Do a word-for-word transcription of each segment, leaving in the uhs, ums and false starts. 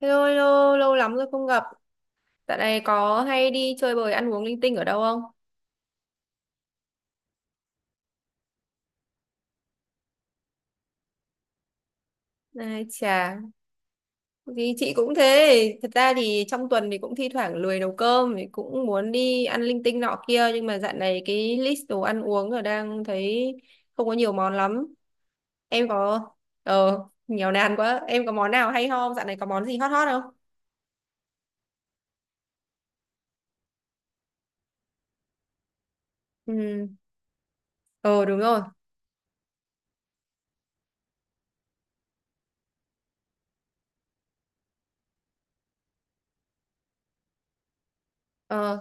Hello, hello, lâu lắm rồi không gặp. Dạo này có hay đi chơi bời ăn uống linh tinh ở đâu không? Ai chà, thì chị cũng thế. Thật ra thì trong tuần thì cũng thi thoảng lười nấu cơm, thì cũng muốn đi ăn linh tinh nọ kia. Nhưng mà dạo này cái list đồ ăn uống ở đang thấy không có nhiều món lắm. Em có... Ờ, nghèo nàn quá. Em có món nào hay ho không? Dạo này có món gì hot hot không? Ừ, ờ đúng rồi. Ờ,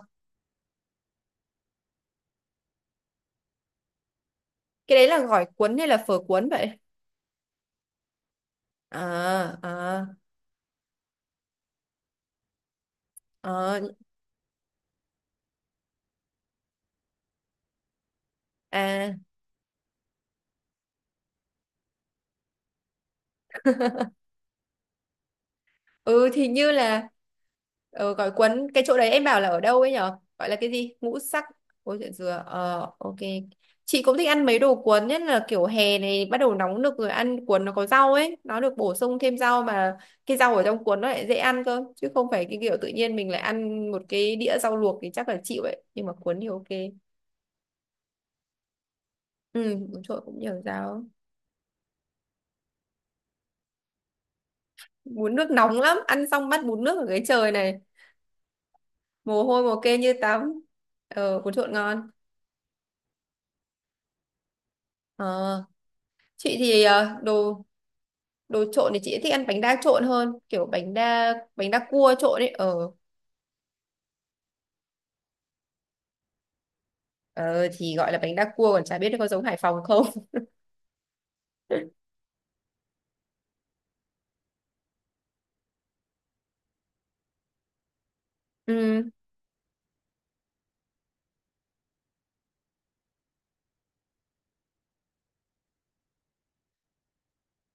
cái đấy là gỏi cuốn hay là phở cuốn vậy? À, à, à, à. Ừ thì như là ờ, gói quấn cái chỗ đấy em bảo là ở đâu ấy nhở, gọi là cái gì ngũ sắc. Ôi chuyện dừa, ờ ok. Chị cũng thích ăn mấy đồ cuốn, nhất là kiểu hè này bắt đầu nóng nực rồi, ăn cuốn nó có rau ấy, nó được bổ sung thêm rau mà. Cái rau ở trong cuốn nó lại dễ ăn cơ, chứ không phải cái kiểu tự nhiên mình lại ăn một cái đĩa rau luộc thì chắc là chịu ấy, nhưng mà cuốn thì ok. Ừ, bún trộn cũng nhiều rau. Bún nước nóng lắm, ăn xong bắt bún nước ở dưới trời này mồ hôi mồ kê như tắm. Ờ, bún trộn ngon. Ờ chị thì ờ, đồ đồ trộn thì chị thích ăn bánh đa trộn hơn, kiểu bánh đa, bánh đa cua trộn ấy. Ờ, ờ thì gọi là bánh đa cua, còn chả biết nó có giống Hải Phòng không. Ừ.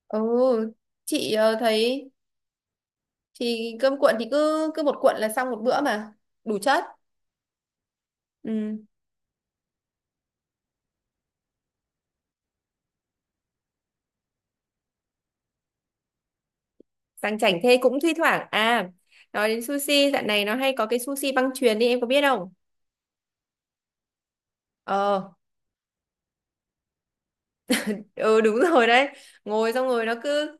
ừ chị ờ, thấy thì cơm cuộn thì cứ cứ một cuộn là xong một bữa mà đủ chất. Ừ, sang chảnh thế cũng thi thoảng à. Nói đến sushi, dạo này nó hay có cái sushi băng chuyền đi, em có biết không? Ờ, ừ đúng rồi đấy. Ngồi xong rồi nó cứ...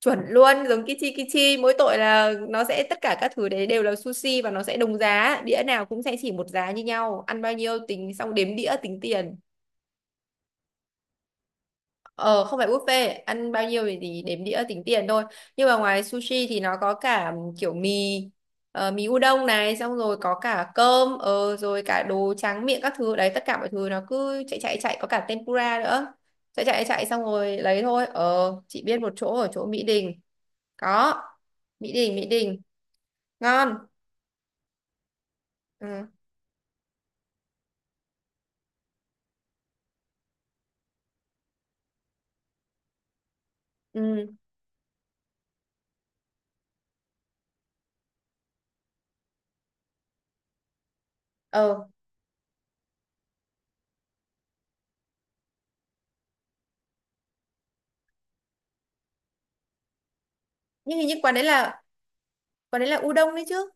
Chuẩn luôn, giống Kichi Kichi, mỗi tội là nó sẽ tất cả các thứ đấy đều là sushi, và nó sẽ đồng giá, đĩa nào cũng sẽ chỉ một giá như nhau, ăn bao nhiêu tính xong đếm đĩa tính tiền. Ờ, không phải buffet, ăn bao nhiêu thì thì đếm đĩa tính tiền thôi. Nhưng mà ngoài sushi thì nó có cả kiểu mì, ờ, mì udon này, xong rồi có cả cơm, ờ, rồi cả đồ tráng miệng các thứ đấy, tất cả mọi thứ nó cứ chạy chạy chạy, có cả tempura nữa. Chạy chạy chạy xong rồi lấy thôi. Ờ, chị biết một chỗ ở chỗ Mỹ Đình. Có, Mỹ Đình, Mỹ Đình. Ngon. Ừ, ừ, ờ. Nhưng hình như quán đấy là, quán đấy là u đông đấy chứ.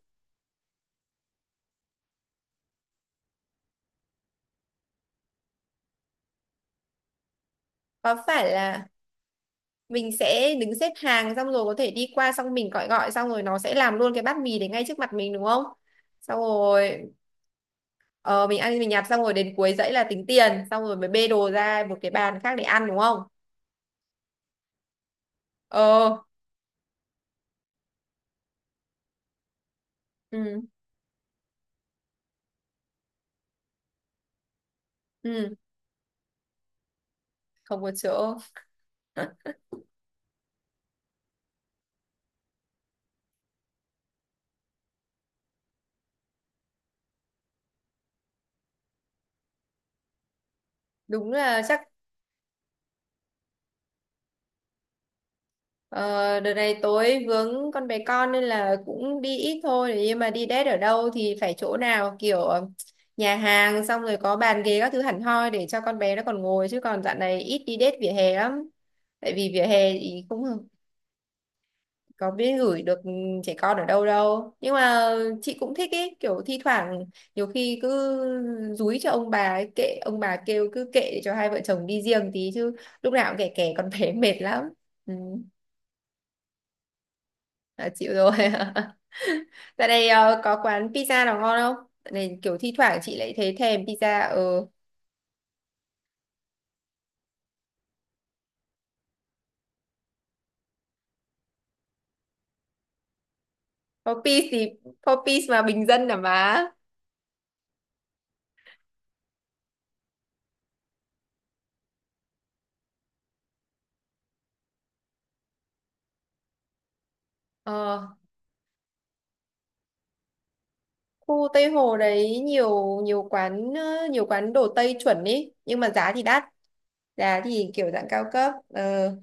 Có phải là mình sẽ đứng xếp hàng xong rồi có thể đi qua, xong mình gọi, gọi xong rồi nó sẽ làm luôn cái bát mì đấy ngay trước mặt mình đúng không? Xong rồi ờ, mình ăn mình nhặt xong rồi đến cuối dãy là tính tiền, xong rồi mới bê đồ ra một cái bàn khác để ăn đúng không? Ờ. Ừ, ừ. Không có chỗ. Đúng là chắc... Ờ, đợt này tối vướng con bé con nên là cũng đi ít thôi, nhưng mà đi date ở đâu thì phải chỗ nào kiểu ờ, nhà hàng xong rồi có bàn ghế các thứ hẳn hoi để cho con bé nó còn ngồi, chứ còn dạo này ít đi date vỉa hè lắm. Tại vì vỉa hè thì cũng có biết gửi được trẻ con ở đâu đâu, nhưng mà chị cũng thích ý, kiểu thi thoảng nhiều khi cứ dúi cho ông bà ấy, kệ ông bà kêu cứ kệ, để cho hai vợ chồng đi riêng tí chứ. Lúc nào cũng kẻ kẻ con bé mệt lắm. Ừ. À, chịu rồi. Tại đây ờ, có quán pizza nào ngon không? Tại này kiểu thi thoảng chị lại thấy thèm pizza ở Four thì Four mà bình dân à má. Ờ, khu Tây Hồ đấy nhiều, nhiều quán ờ, nhiều quán đồ Tây chuẩn ý, nhưng mà giá thì đắt. Giá thì kiểu dạng cao cấp. Ờ,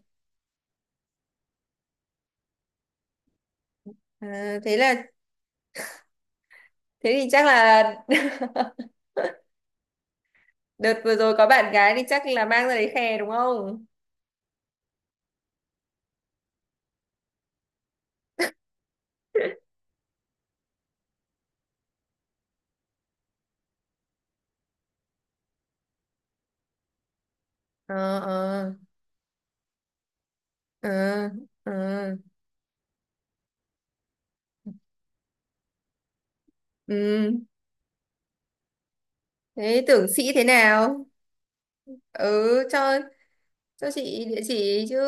à, thế là... Thế thì chắc là... Đợt vừa rồi có bạn gái thì chắc là mang ra đấy khè đúng không? Ờ, ờ, ờ, ờ. Ừ. Thế tưởng sĩ thế nào? Ừ, cho cho chị địa chỉ chứ.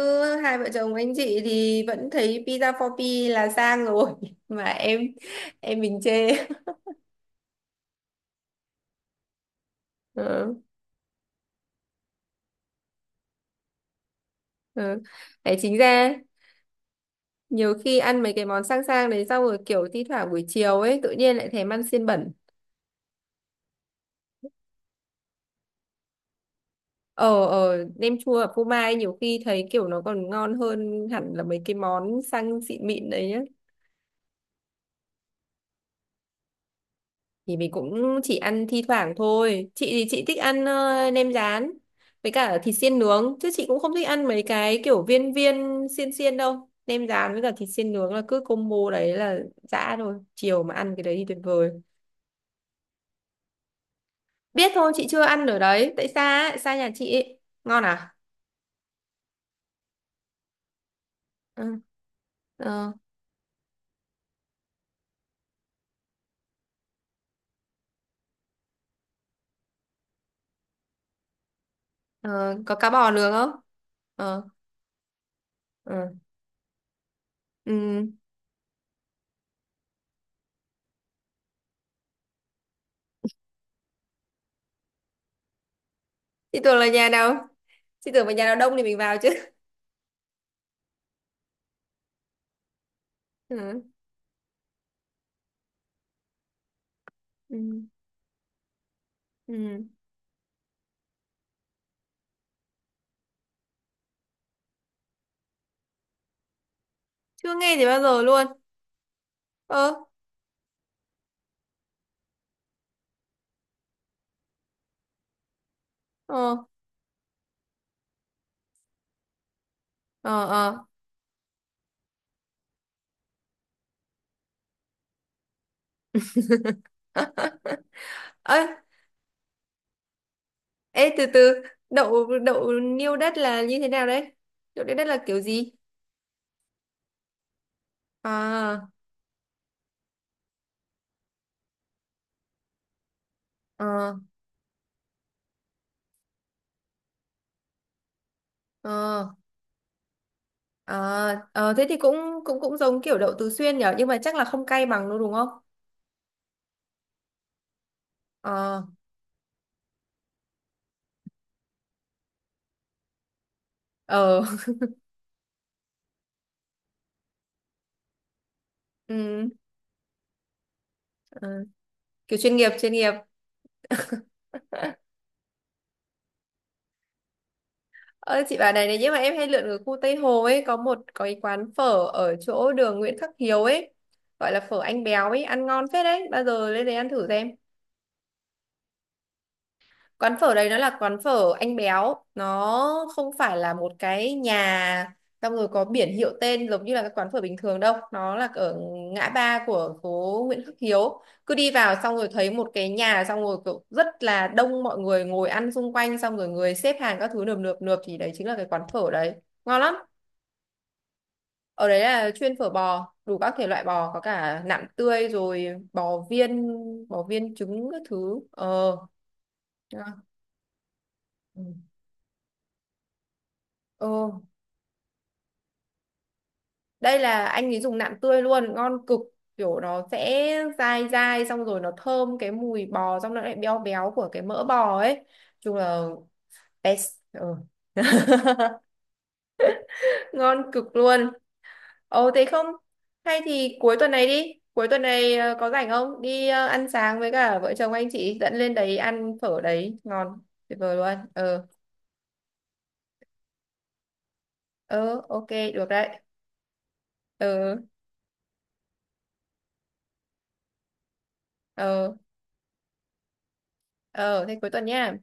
Hai vợ chồng anh chị thì vẫn thấy pizza for pi là sang rồi mà em em mình chê. Ừ, ừ. Đấy, chính ra nhiều khi ăn mấy cái món sang sang đấy xong rồi kiểu thi thoảng buổi chiều ấy tự nhiên lại thèm ăn xiên bẩn. Ờ, ờ, nem chua ở phô mai nhiều khi thấy kiểu nó còn ngon hơn hẳn là mấy cái món sang xịn mịn đấy nhá. Thì mình cũng chỉ ăn thi thoảng thôi, chị thì chị thích ăn ờ, nem rán với cả thịt xiên nướng, chứ chị cũng không thích ăn mấy cái kiểu viên viên xiên xiên đâu. Nem rán với cả thịt xiên nướng là cứ combo đấy là dã thôi, chiều mà ăn cái đấy thì tuyệt vời. Biết thôi, chị chưa ăn ở đấy tại xa ấy, xa nhà chị ấy. Ngon à. Ừ. Ờ, ờ, có cá bò nướng không? Ờ. Ừ. Ừ. Chị tưởng là nhà nào, chị tưởng là nhà nào đông thì mình vào chứ. Ừ. Ừ. Ừ. Chưa nghe gì bao giờ luôn. Ơ. Ờ, ờ, ờ. Ơi, ê từ từ, đậu đậu niêu đất là như thế nào đấy? Đậu niêu đất là kiểu gì? À. Ờ. Ờ. À, ờ thế thì cũng cũng cũng giống kiểu đậu Tứ Xuyên nhở, nhưng mà chắc là không cay bằng đâu đúng không? Ờ, ờ. Ừ, ờ, kiểu chuyên nghiệp, chuyên nghiệp. Ơ chị bảo này này, nhưng mà em hay lượn ở khu Tây Hồ ấy, có một có cái quán phở ở chỗ đường Nguyễn Khắc Hiếu ấy, gọi là phở anh béo ấy, ăn ngon phết đấy, bao giờ lên đấy ăn thử xem. Quán phở đấy nó là quán phở anh béo, nó không phải là một cái nhà xong rồi có biển hiệu tên giống như là các quán phở bình thường đâu. Nó là ở ngã ba của phố Nguyễn Khắc Hiếu, cứ đi vào xong rồi thấy một cái nhà, xong rồi kiểu rất là đông mọi người ngồi ăn xung quanh, xong rồi người xếp hàng các thứ nườm nượp nượp, thì đấy chính là cái quán phở đấy. Ngon lắm. Ở đấy là chuyên phở bò, đủ các thể loại bò, có cả nạm tươi rồi bò viên, bò viên trứng các thứ. Ờ. Ừ. Ừ. Ờ. Đây là anh ấy dùng nạm tươi luôn ngon cực, kiểu nó sẽ dai dai, xong rồi nó thơm cái mùi bò, xong nó lại béo béo của cái mỡ bò ấy. Chung là best. Ừ. Ngon cực luôn. Ồ thế không, hay thì cuối tuần này đi, cuối tuần này ờ, có rảnh không, đi ờ, ăn sáng với cả vợ chồng anh chị dẫn lên đấy ăn phở đấy ngon. Tuyệt vời luôn. Ờ, ờ ok, được đấy. Ờ, ờ. Ờ thế cuối tuần nha.